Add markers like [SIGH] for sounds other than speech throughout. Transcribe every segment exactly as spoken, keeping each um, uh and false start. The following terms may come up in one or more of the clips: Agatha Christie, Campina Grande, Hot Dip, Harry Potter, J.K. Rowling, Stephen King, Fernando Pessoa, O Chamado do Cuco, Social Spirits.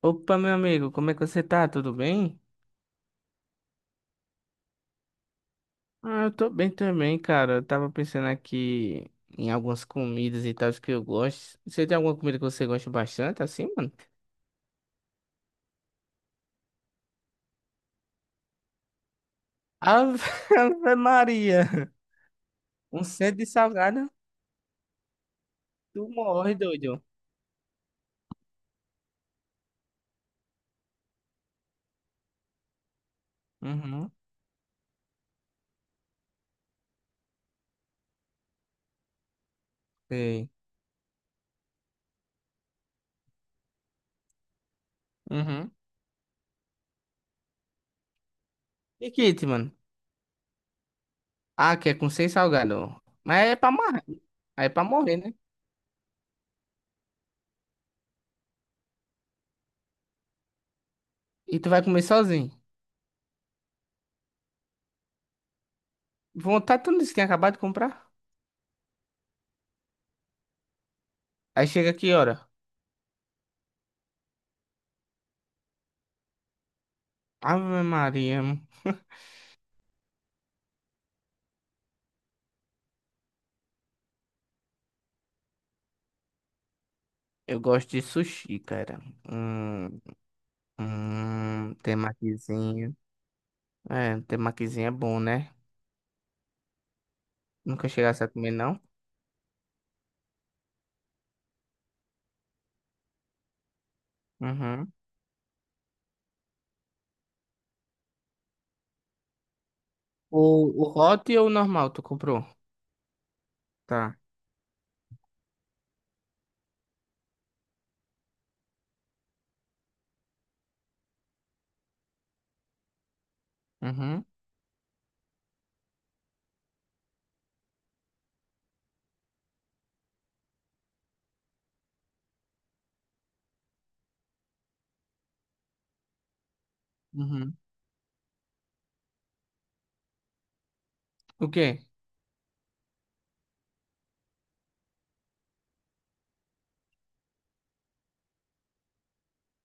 Opa, meu amigo, como é que você tá? Tudo bem? Ah, eu tô bem também, cara. Eu tava pensando aqui em algumas comidas e tal que eu gosto. Você tem alguma comida que você gosta bastante, assim, mano? Ave [LAUGHS] Ave Maria! Um centro de salgado, tu morre, doido. Uhum, sei. Uhum. E kit, mano? Ah, que é com seis salgado. Mas é pra morrer. Aí é pra morrer, né? E tu vai comer sozinho. Vontade, tu não disse que tinha acabado de comprar? Aí chega que hora? Ave Maria. Eu gosto de sushi, cara. Hum, hum, Temakizinho. É, temakizinho é bom, né? Nunca chegasse a comer, não? Uhum. O, o hot ou o normal tu comprou? Tá. Uhum. Uhum. O quê?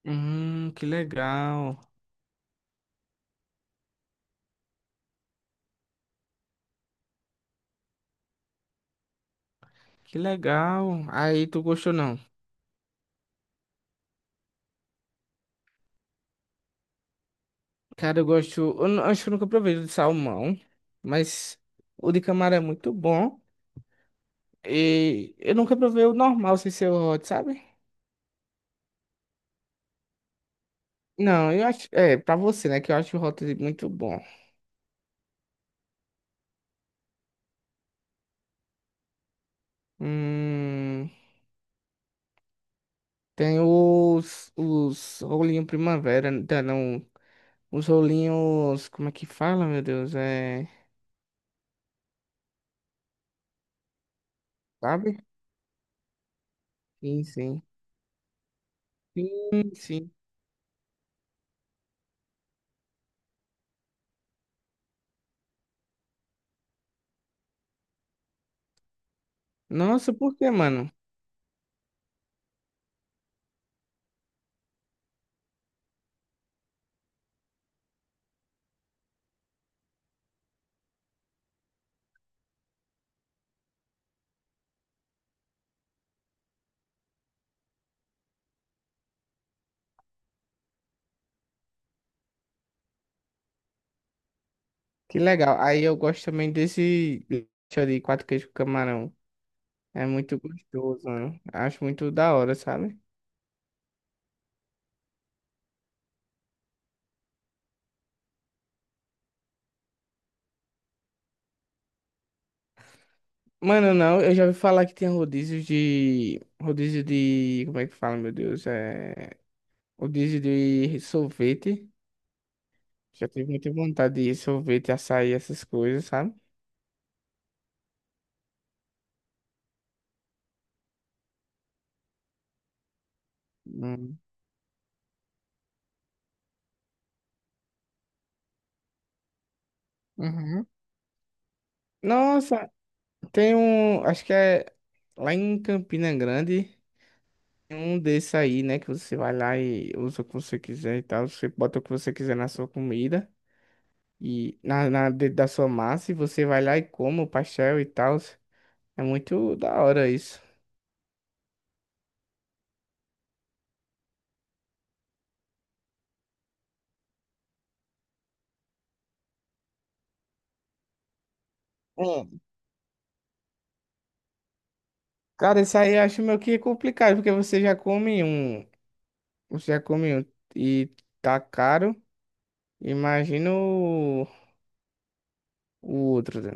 Hum, que legal. Que legal. Aí, tu gostou, não? Cara, eu gosto... Eu não- acho que eu nunca provei o de salmão. Mas o de camarão é muito bom. E eu nunca provei o normal sem ser o hot, sabe? Não, eu acho. É, pra você, né? Que eu acho o Hot Dip muito bom. Hum, Tem os, os rolinhos primavera, tá, não. Os rolinhos. Como é que fala, meu Deus? É. Sabe? Sim, sim. Sim, sim. Nossa, por que mano? Que legal. Aí eu gosto também desse lanche de quatro queijos com camarão. É muito gostoso, mano. Acho muito da hora, sabe? Mano, não, eu já ouvi falar que tem rodízios de. Rodízio de. Como é que fala, meu Deus? É. Rodízio de sorvete. Já tive muita vontade de sorvete, açaí, essas coisas, sabe? Hum. Uhum. Nossa, tem um. Acho que é lá em Campina Grande. Tem um desse aí, né? Que você vai lá e usa o que você quiser e tal. Você bota o que você quiser na sua comida e na, na dentro da sua massa. E você vai lá e come o pastel e tal. É muito da hora isso. É. Cara, isso aí eu acho meio que complicado, porque você já come um. Você já comeu e tá caro, imagina o, o outro, né?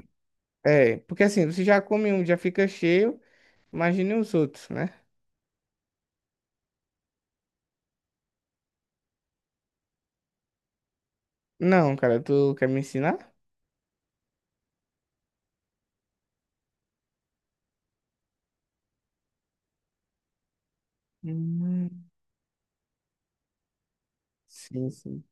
É, porque assim, você já come um, já fica cheio, imagine os outros, né? Não, cara, tu quer me ensinar? Hum, sim, sim.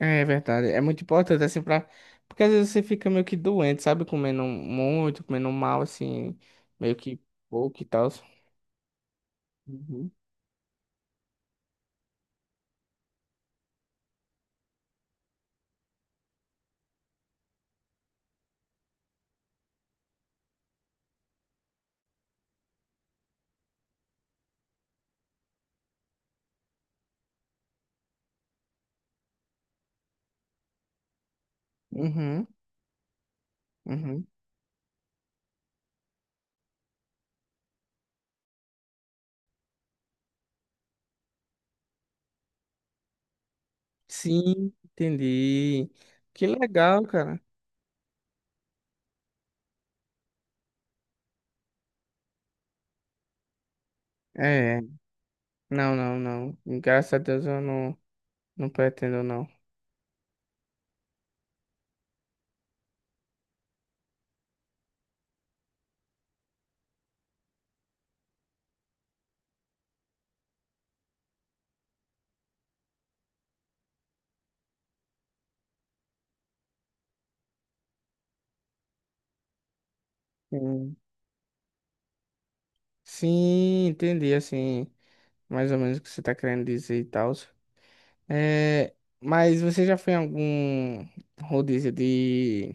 É verdade, é muito importante, assim, pra... porque às vezes você fica meio que doente, sabe? Comendo muito, comendo mal, assim, meio que pouco e tal. Uhum. Uhum, uhum. Sim, entendi. Que legal, cara. É. Não, não, não. Graças a Deus eu não, não pretendo, não. Sim. Sim, entendi, assim, mais ou menos o que você tá querendo dizer e tal. É, mas você já foi em algum rodízio de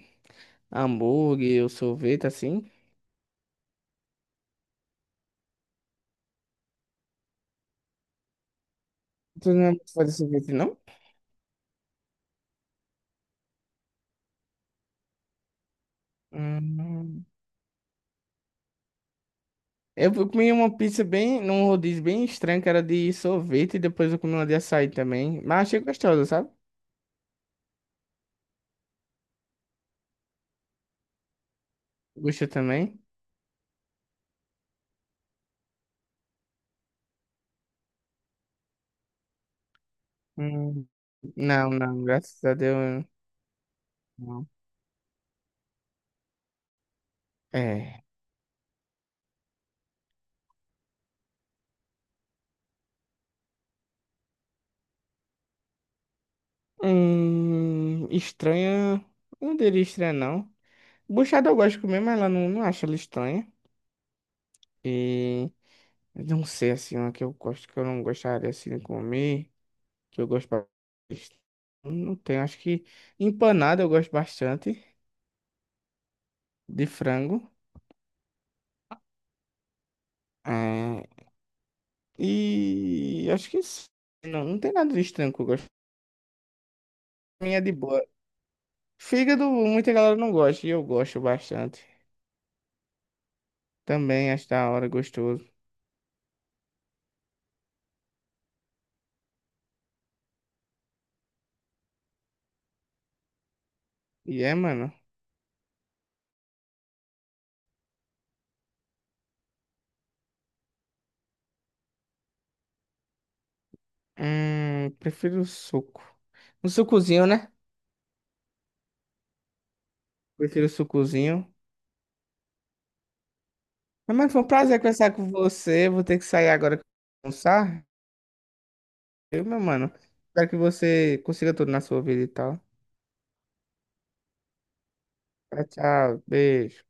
hambúrguer ou sorvete, assim? Tu não é muito fã de sorvete, não? Hum. Eu comi uma pizza bem, num rodízio bem estranho, que era de sorvete, e depois eu comi uma de açaí também. Mas achei gostosa, sabe? Gostou também? Hum. Não, não, graças a Deus. Não. É. Hum, estranha. Não diria estranha, não. Buchada eu gosto de comer, mas ela não, não acha ela estranha. E não sei assim, uma que eu gosto que eu não gostaria assim de comer. Que eu gosto ba- Não tem, acho que empanada eu gosto bastante de frango. É, e acho que isso. Não, não tem nada de estranho que eu gosto. Pra mim é de boa. Fígado, muita galera não gosta, e eu gosto bastante. Também acho da hora, gostoso. E é, mano. Hum, prefiro o suco. Um sucozinho, né? Prefiro o sucozinho. Mas, mano, foi um prazer conversar com você. Vou ter que sair agora pra almoçar. Eu, meu mano. Espero que você consiga tudo na sua vida e tal. Tchau, tchau. Beijo.